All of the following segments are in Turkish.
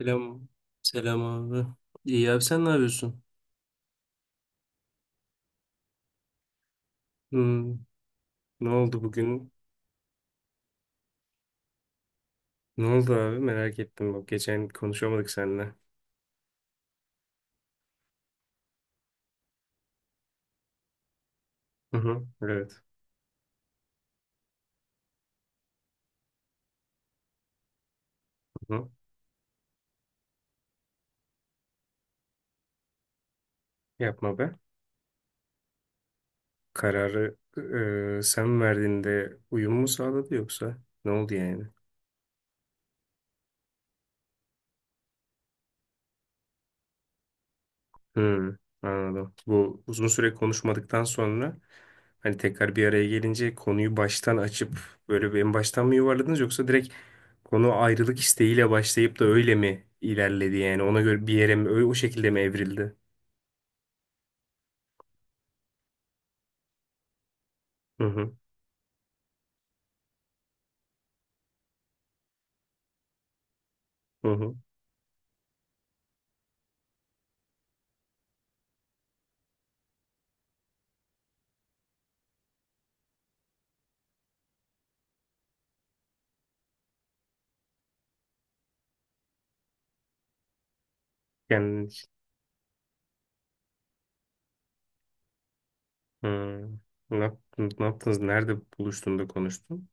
Selam. Selam abi. İyi abi, sen ne yapıyorsun? Hmm. Ne oldu bugün? Ne oldu abi? Merak ettim. Bak geçen konuşamadık seninle. Hı hı. Evet. Hı hı. Yapma be. Kararı sen verdiğinde uyum mu sağladı yoksa? Ne oldu yani? Hmm, anladım. Bu uzun süre konuşmadıktan sonra hani tekrar bir araya gelince konuyu baştan açıp böyle bir en baştan mı yuvarladınız, yoksa direkt konu ayrılık isteğiyle başlayıp da öyle mi ilerledi, yani ona göre bir yere mi o şekilde mi evrildi? Hı hı hı hı. Yani hmm, ne yaptınız? Nerede buluştun da konuştun?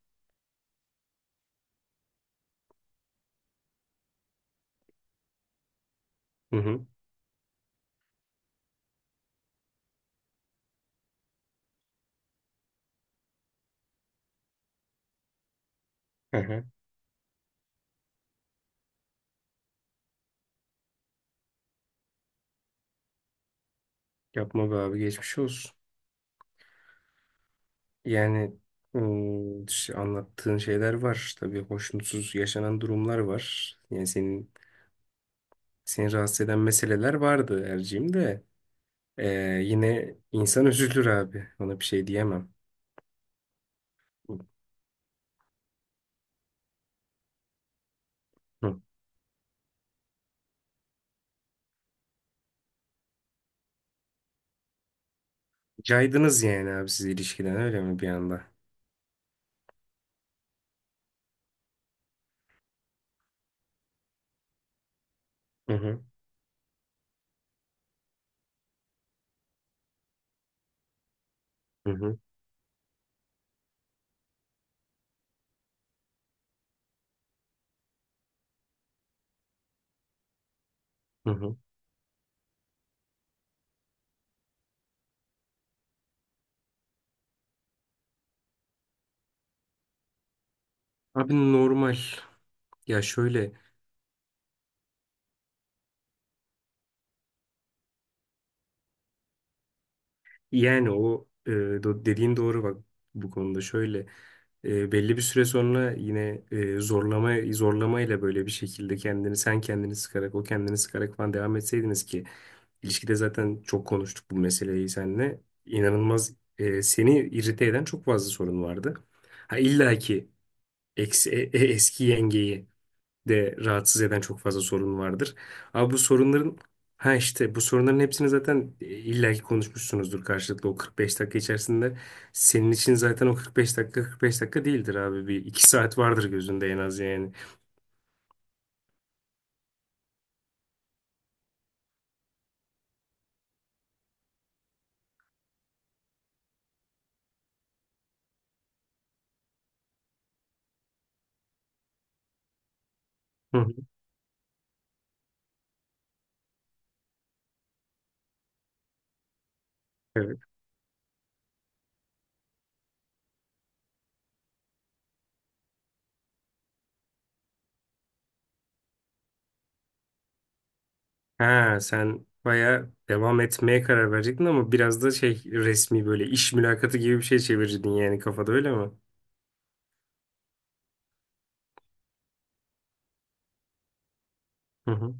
Hı hı. Hı hı. Yapma be abi, geçmiş olsun. Yani anlattığın şeyler var. Tabii hoşnutsuz yaşanan durumlar var. Yani, seni rahatsız eden meseleler vardı Erciğim de. Ee, yine insan üzülür abi. Ona bir şey diyemem. Hı. Caydınız yani abi siz ilişkiden, öyle mi, bir anda? Hı hı. Hı hı. Hı hı. Abi normal. Ya şöyle, yani o dediğin doğru bak, bu konuda şöyle. Belli bir süre sonra yine, zorlama zorlamayla böyle bir şekilde kendini, sen kendini sıkarak, o kendini sıkarak falan devam etseydiniz ki ilişkide zaten çok konuştuk bu meseleyi seninle. İnanılmaz, seni irite eden çok fazla sorun vardı. Ha illa ki eski yengeyi de rahatsız eden çok fazla sorun vardır. Abi, bu sorunların hepsini zaten, illaki konuşmuşsunuzdur karşılıklı o 45 dakika içerisinde. Senin için zaten o 45 dakika 45 dakika değildir abi, bir iki saat vardır gözünde en az yani. Hı hı. Evet. Ha sen baya devam etmeye karar verecektin ama biraz da şey, resmi böyle iş mülakatı gibi bir şey çevirirdin yani, kafada öyle mi? Hı hı.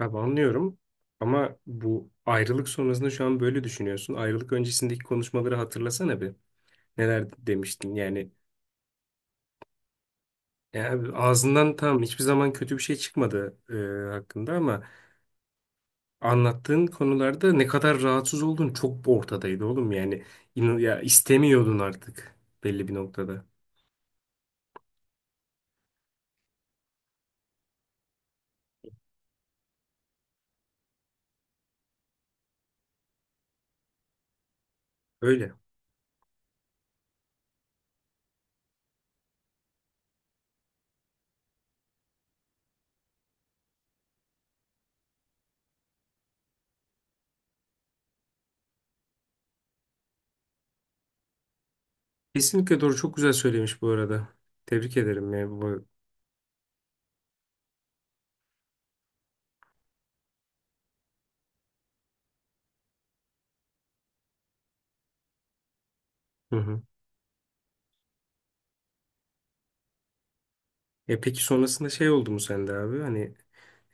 Abi anlıyorum ama bu ayrılık sonrasında şu an böyle düşünüyorsun. Ayrılık öncesindeki konuşmaları hatırlasana bir. Neler demiştin yani. Ya abi, ağzından tam hiçbir zaman kötü bir şey çıkmadı hakkında, ama anlattığın konularda ne kadar rahatsız olduğun çok ortadaydı oğlum yani. Ya istemiyordun artık belli bir noktada. Öyle. Kesinlikle doğru, çok güzel söylemiş bu arada. Tebrik ederim ya. Bu... Hı hı. E peki, sonrasında şey oldu mu sende abi? Hani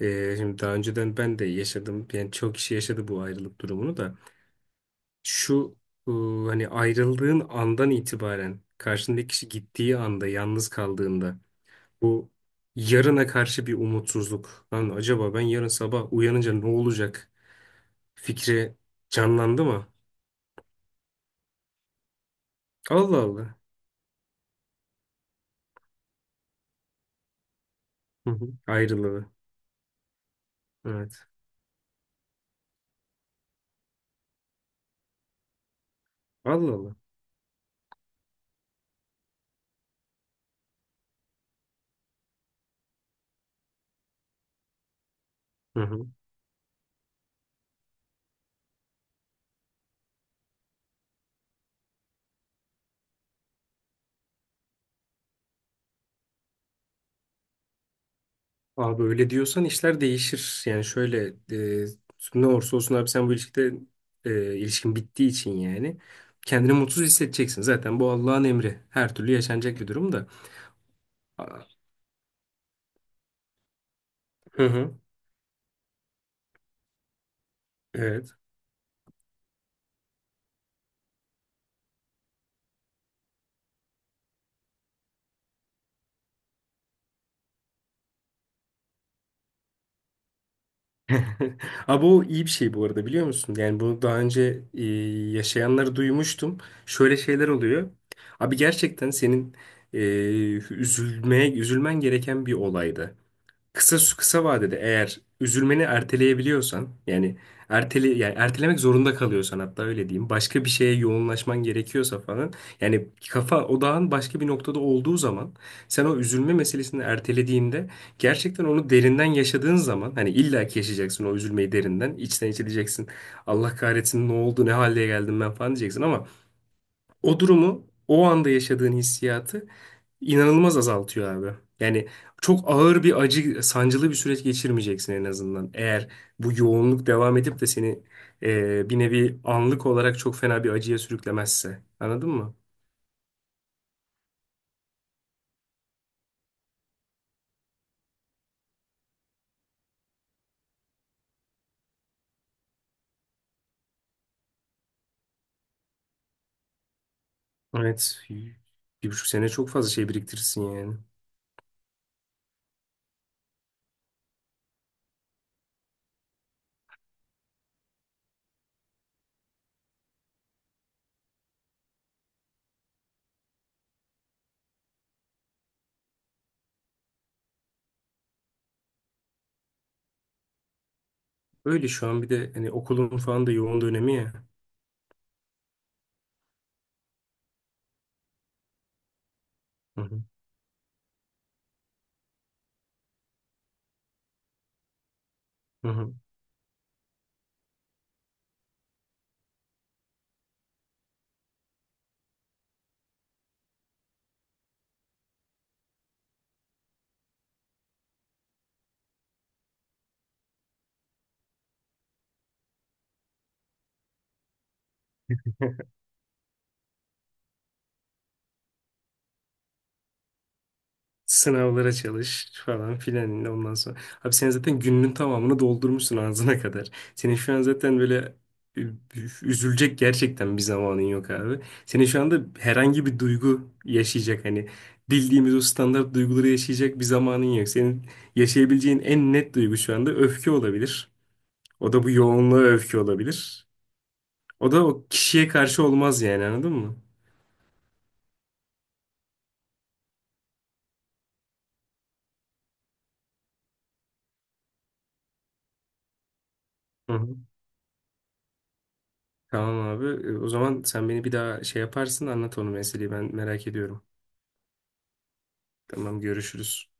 şimdi daha önceden ben de yaşadım. Yani çok kişi yaşadı bu ayrılık durumunu da. Şu e, hani ayrıldığın andan itibaren karşındaki kişi gittiği anda yalnız kaldığında bu yarına karşı bir umutsuzluk. Lan acaba ben yarın sabah uyanınca ne olacak fikri canlandı mı? Allah Allah. Hı hı. Ayrılığı. Evet. Allah Allah. Hı hı. Abi öyle diyorsan işler değişir. Yani şöyle, e, ne olursa olsun abi, sen bu ilişkide, ilişkin bittiği için yani, kendini mutsuz hissedeceksin. Zaten bu Allah'ın emri. Her türlü yaşanacak bir durum da. Aa. Hı hı. Evet. Abi o iyi bir şey bu arada, biliyor musun? Yani bunu daha önce, yaşayanları duymuştum. Şöyle şeyler oluyor. Abi gerçekten senin, e, üzülmeye, üzülmen gereken bir olaydı. Kısa kısa vadede eğer üzülmeni erteleyebiliyorsan yani ertele, yani ertelemek zorunda kalıyorsan, hatta öyle diyeyim, başka bir şeye yoğunlaşman gerekiyorsa falan, yani kafa odağın başka bir noktada olduğu zaman, sen o üzülme meselesini ertelediğinde gerçekten onu derinden yaşadığın zaman, hani illa ki yaşayacaksın o üzülmeyi derinden içten içe, diyeceksin Allah kahretsin ne oldu ne hale geldim ben falan, diyeceksin ama o durumu, o anda yaşadığın hissiyatı inanılmaz azaltıyor abi. Yani çok ağır bir acı, sancılı bir süreç geçirmeyeceksin en azından. Eğer bu yoğunluk devam edip de seni, bir nevi anlık olarak çok fena bir acıya sürüklemezse. Anladın mı? Evet. Bir buçuk sene çok fazla şey biriktirirsin yani. Öyle, şu an bir de hani okulun falan da yoğun dönemi ya. Hı hı. Hı hı. Sınavlara çalış falan filan. Ondan sonra. Abi sen zaten gününün tamamını doldurmuşsun ağzına kadar. Senin şu an zaten böyle ü- üzülecek gerçekten bir zamanın yok abi. Senin şu anda herhangi bir duygu yaşayacak, hani bildiğimiz o standart duyguları yaşayacak bir zamanın yok. Senin yaşayabileceğin en net duygu şu anda öfke olabilir. O da bu yoğunluğa öfke olabilir. O da o kişiye karşı olmaz yani, anladın mı? Tamam abi. E, o zaman sen beni bir daha şey yaparsın, anlat onu meseleyi, ben merak ediyorum. Tamam, görüşürüz.